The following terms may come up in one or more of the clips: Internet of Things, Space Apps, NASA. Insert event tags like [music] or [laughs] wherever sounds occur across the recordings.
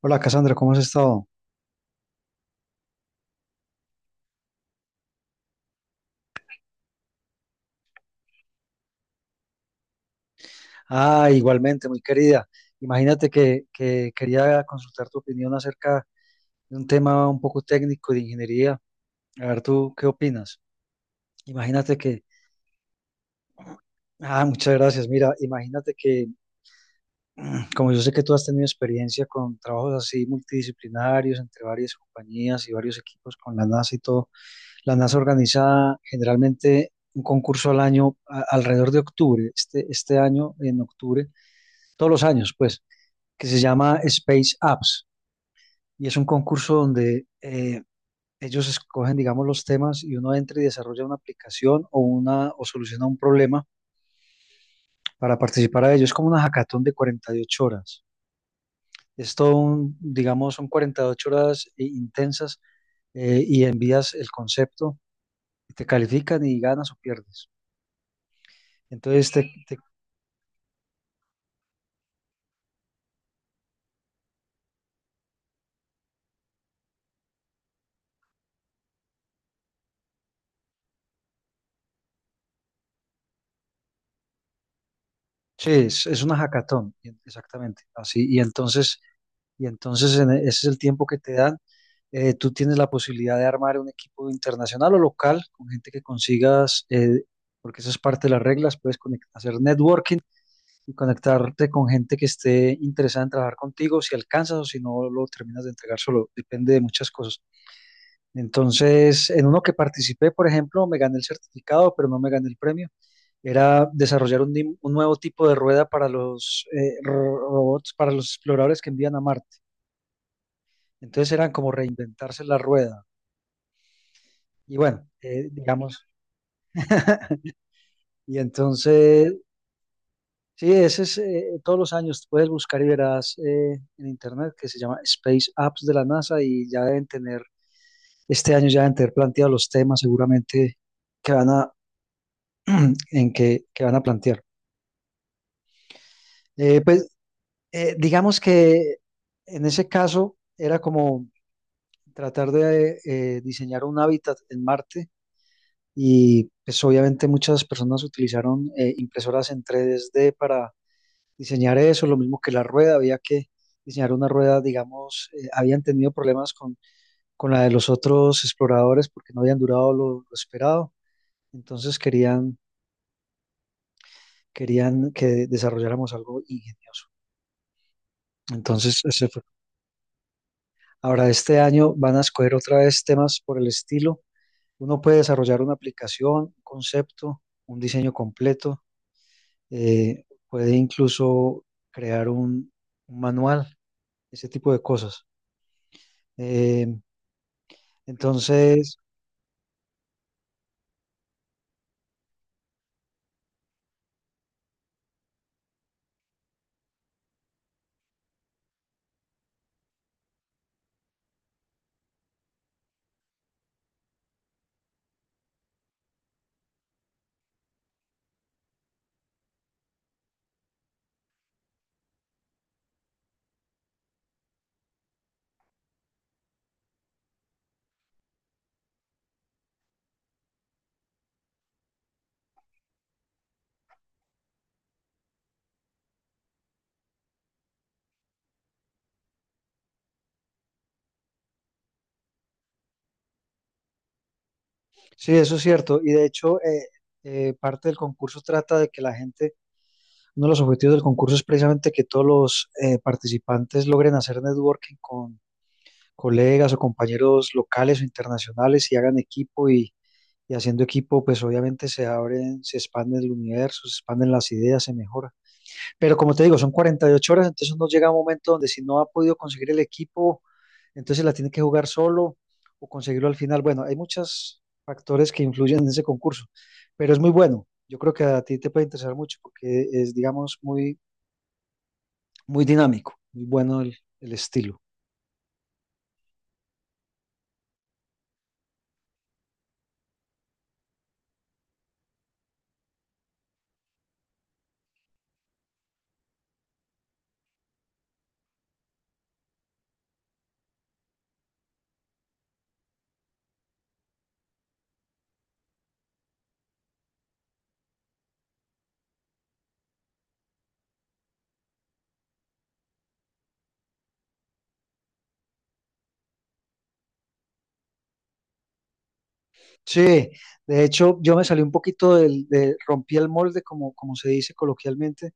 Hola Cassandra, ¿cómo has estado? Ah, igualmente, muy querida. Imagínate que quería consultar tu opinión acerca de un tema un poco técnico de ingeniería. A ver, ¿tú qué opinas? Imagínate que, ah, muchas gracias. Mira, imagínate que, como yo sé que tú has tenido experiencia con trabajos así multidisciplinarios entre varias compañías y varios equipos con la NASA y todo, la NASA organiza generalmente un concurso al año alrededor de octubre, este año en octubre, todos los años, pues, que se llama Space Apps y es un concurso donde ellos escogen, digamos, los temas y uno entra y desarrolla una aplicación o soluciona un problema para participar a ello. Es como una hackathon de 48 horas. Es todo un, digamos, son 48 horas intensas, y envías el concepto, y te califican y ganas o pierdes. Entonces, sí, es una hackathon, exactamente, así. Y entonces, y entonces en ese es el tiempo que te dan. Tú tienes la posibilidad de armar un equipo internacional o local con gente que consigas, porque eso es parte de las reglas, puedes hacer networking y conectarte con gente que esté interesada en trabajar contigo, si alcanzas o si no lo terminas de entregar solo, depende de muchas cosas. Entonces, en uno que participé, por ejemplo, me gané el certificado, pero no me gané el premio. Era desarrollar un nuevo tipo de rueda para los robots, para los exploradores que envían a Marte. Entonces eran como reinventarse la rueda. Y bueno, digamos, [laughs] y entonces, sí, ese es, todos los años puedes buscar y verás en internet que se llama Space Apps de la NASA y ya deben tener, este año ya deben tener planteados los temas seguramente que van a, que van a plantear. Eh, pues digamos que en ese caso era como tratar de diseñar un hábitat en Marte. Y pues obviamente muchas personas utilizaron impresoras en 3D para diseñar eso, lo mismo que la rueda, había que diseñar una rueda, digamos, habían tenido problemas con la de los otros exploradores porque no habían durado lo esperado, entonces querían, querían que desarrolláramos algo ingenioso. Entonces, ese fue. Ahora, este año van a escoger otra vez temas por el estilo. Uno puede desarrollar una aplicación, un concepto, un diseño completo, puede incluso crear un manual, ese tipo de cosas. Eh, entonces, sí, eso es cierto. Y de hecho, parte del concurso trata de que la gente, uno de los objetivos del concurso es precisamente que todos los participantes logren hacer networking con colegas o compañeros locales o internacionales y hagan equipo y haciendo equipo, pues obviamente se abren, se expande el universo, se expanden las ideas, se mejora. Pero como te digo, son 48 horas, entonces uno llega a un momento donde si no ha podido conseguir el equipo, entonces la tiene que jugar solo o conseguirlo al final. Bueno, hay muchos factores que influyen en ese concurso, pero es muy bueno. Yo creo que a ti te puede interesar mucho porque es, digamos, muy, muy dinámico, muy bueno el estilo. Sí, de hecho, yo me salí un poquito rompí el molde, como, como se dice coloquialmente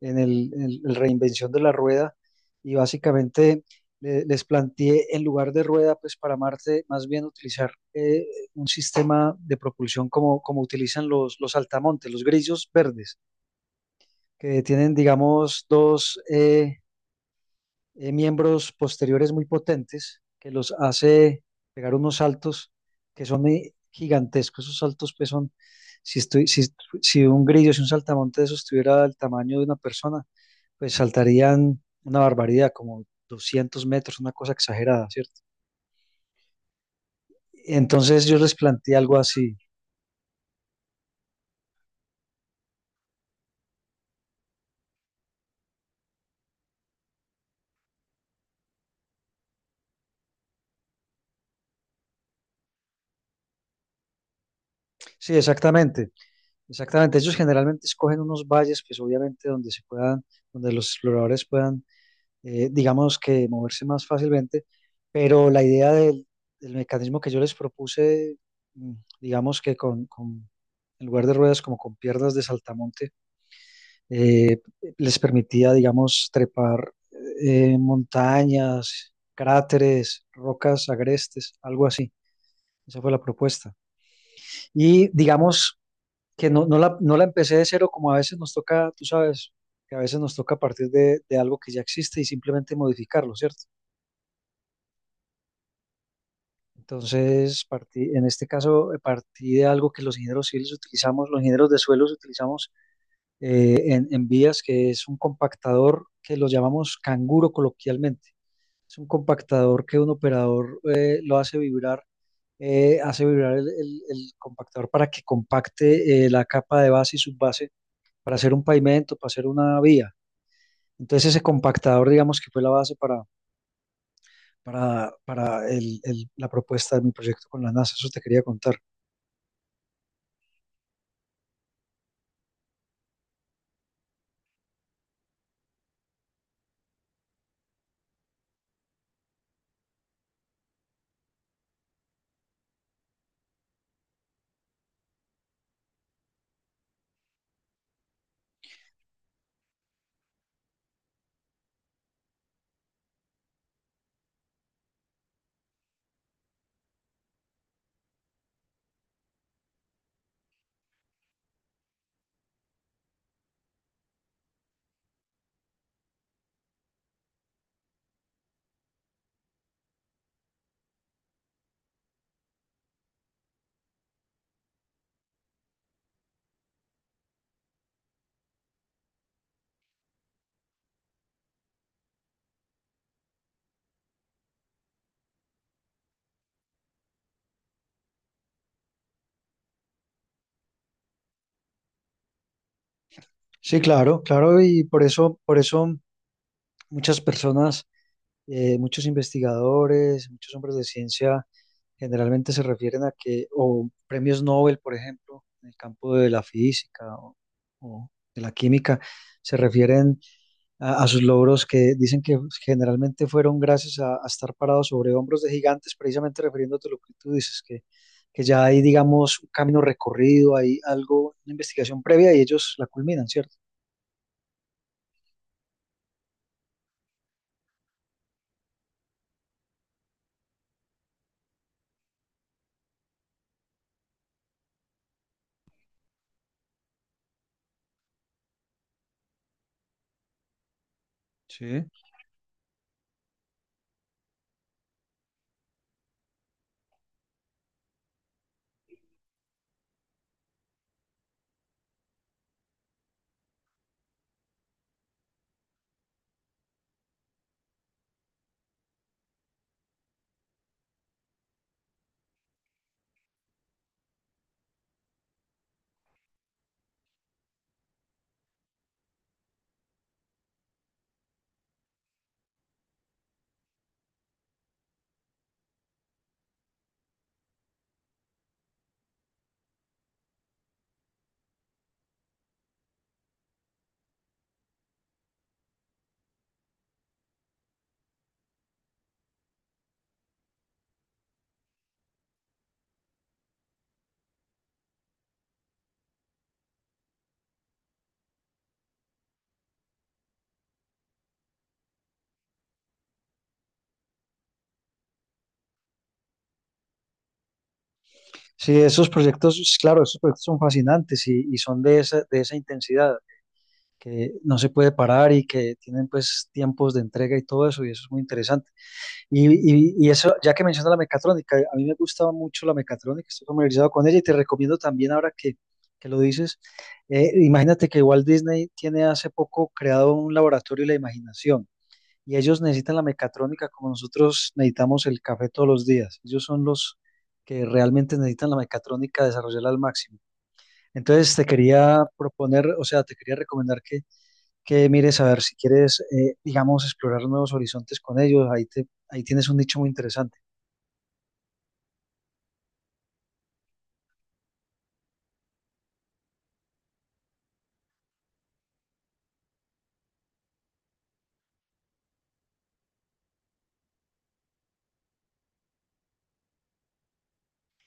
en en el reinvención de la rueda y básicamente les planteé en lugar de rueda, pues para Marte, más bien utilizar un sistema de propulsión como, como utilizan los saltamontes, los grillos verdes, que tienen, digamos, dos miembros posteriores muy potentes que los hace pegar unos saltos que son gigantescos. Esos saltos, pues son, si, estoy, si, si un grillo, si un saltamonte de esos tuviera el tamaño de una persona, pues saltarían una barbaridad, como 200 metros, una cosa exagerada, ¿cierto? Entonces yo les planteé algo así. Sí, exactamente, exactamente. Ellos generalmente escogen unos valles, pues obviamente donde se puedan, donde los exploradores puedan, digamos que moverse más fácilmente, pero la idea del mecanismo que yo les propuse, mm, digamos en lugar de ruedas, como con piernas de saltamontes, eh, les permitía, digamos, trepar montañas, cráteres, rocas agrestes, algo así. Esa fue la propuesta. Y digamos que no la empecé de cero como a veces nos toca, tú sabes, que a veces nos toca partir de algo que ya existe y simplemente modificarlo, ¿cierto? Entonces, partí, en este caso, partí de algo que los ingenieros civiles utilizamos, los ingenieros de suelos utilizamos en vías, que es un compactador que lo llamamos canguro coloquialmente. Es un compactador que un operador lo hace vibrar el compactador para que compacte la capa de base y subbase para hacer un pavimento, para hacer una vía. Entonces ese compactador, digamos que fue la base para la propuesta de mi proyecto con la NASA. Eso te quería contar. Sí, claro, claro, y por eso muchas personas, muchos investigadores, muchos hombres de ciencia generalmente se refieren a que, o premios Nobel, por ejemplo, en el campo de la física o de la química, se refieren a sus logros que dicen que generalmente fueron gracias a estar parados sobre hombros de gigantes, precisamente refiriéndote a lo que tú dices, que ya hay, digamos, un camino recorrido, hay algo, una investigación previa y ellos la culminan, ¿cierto? Sí. Sí, esos proyectos, claro, esos proyectos son fascinantes y son de esa intensidad, que no se puede parar y que tienen pues tiempos de entrega y todo eso, y eso es muy interesante. Y eso, ya que mencionas la mecatrónica, a mí me gustaba mucho la mecatrónica, estoy familiarizado con ella y te recomiendo también ahora que lo dices, imagínate que Walt Disney tiene hace poco creado un laboratorio de la imaginación y ellos necesitan la mecatrónica como nosotros necesitamos el café todos los días. Ellos son los que realmente necesitan la mecatrónica desarrollarla al máximo. Entonces te quería proponer, o sea, te quería recomendar que mires a ver si quieres, digamos, explorar nuevos horizontes con ellos. Ahí, ahí tienes un nicho muy interesante.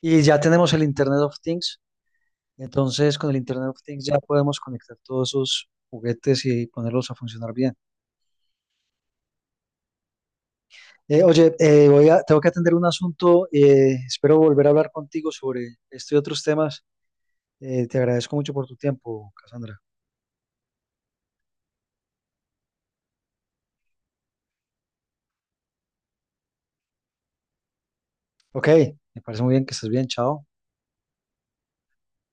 Y ya tenemos el Internet of Things. Entonces, con el Internet of Things ya podemos conectar todos esos juguetes y ponerlos a funcionar bien. Oye, tengo que atender un asunto. Espero volver a hablar contigo sobre esto y otros temas. Te agradezco mucho por tu tiempo, Cassandra. Ok, me parece muy bien que estés bien. Chao.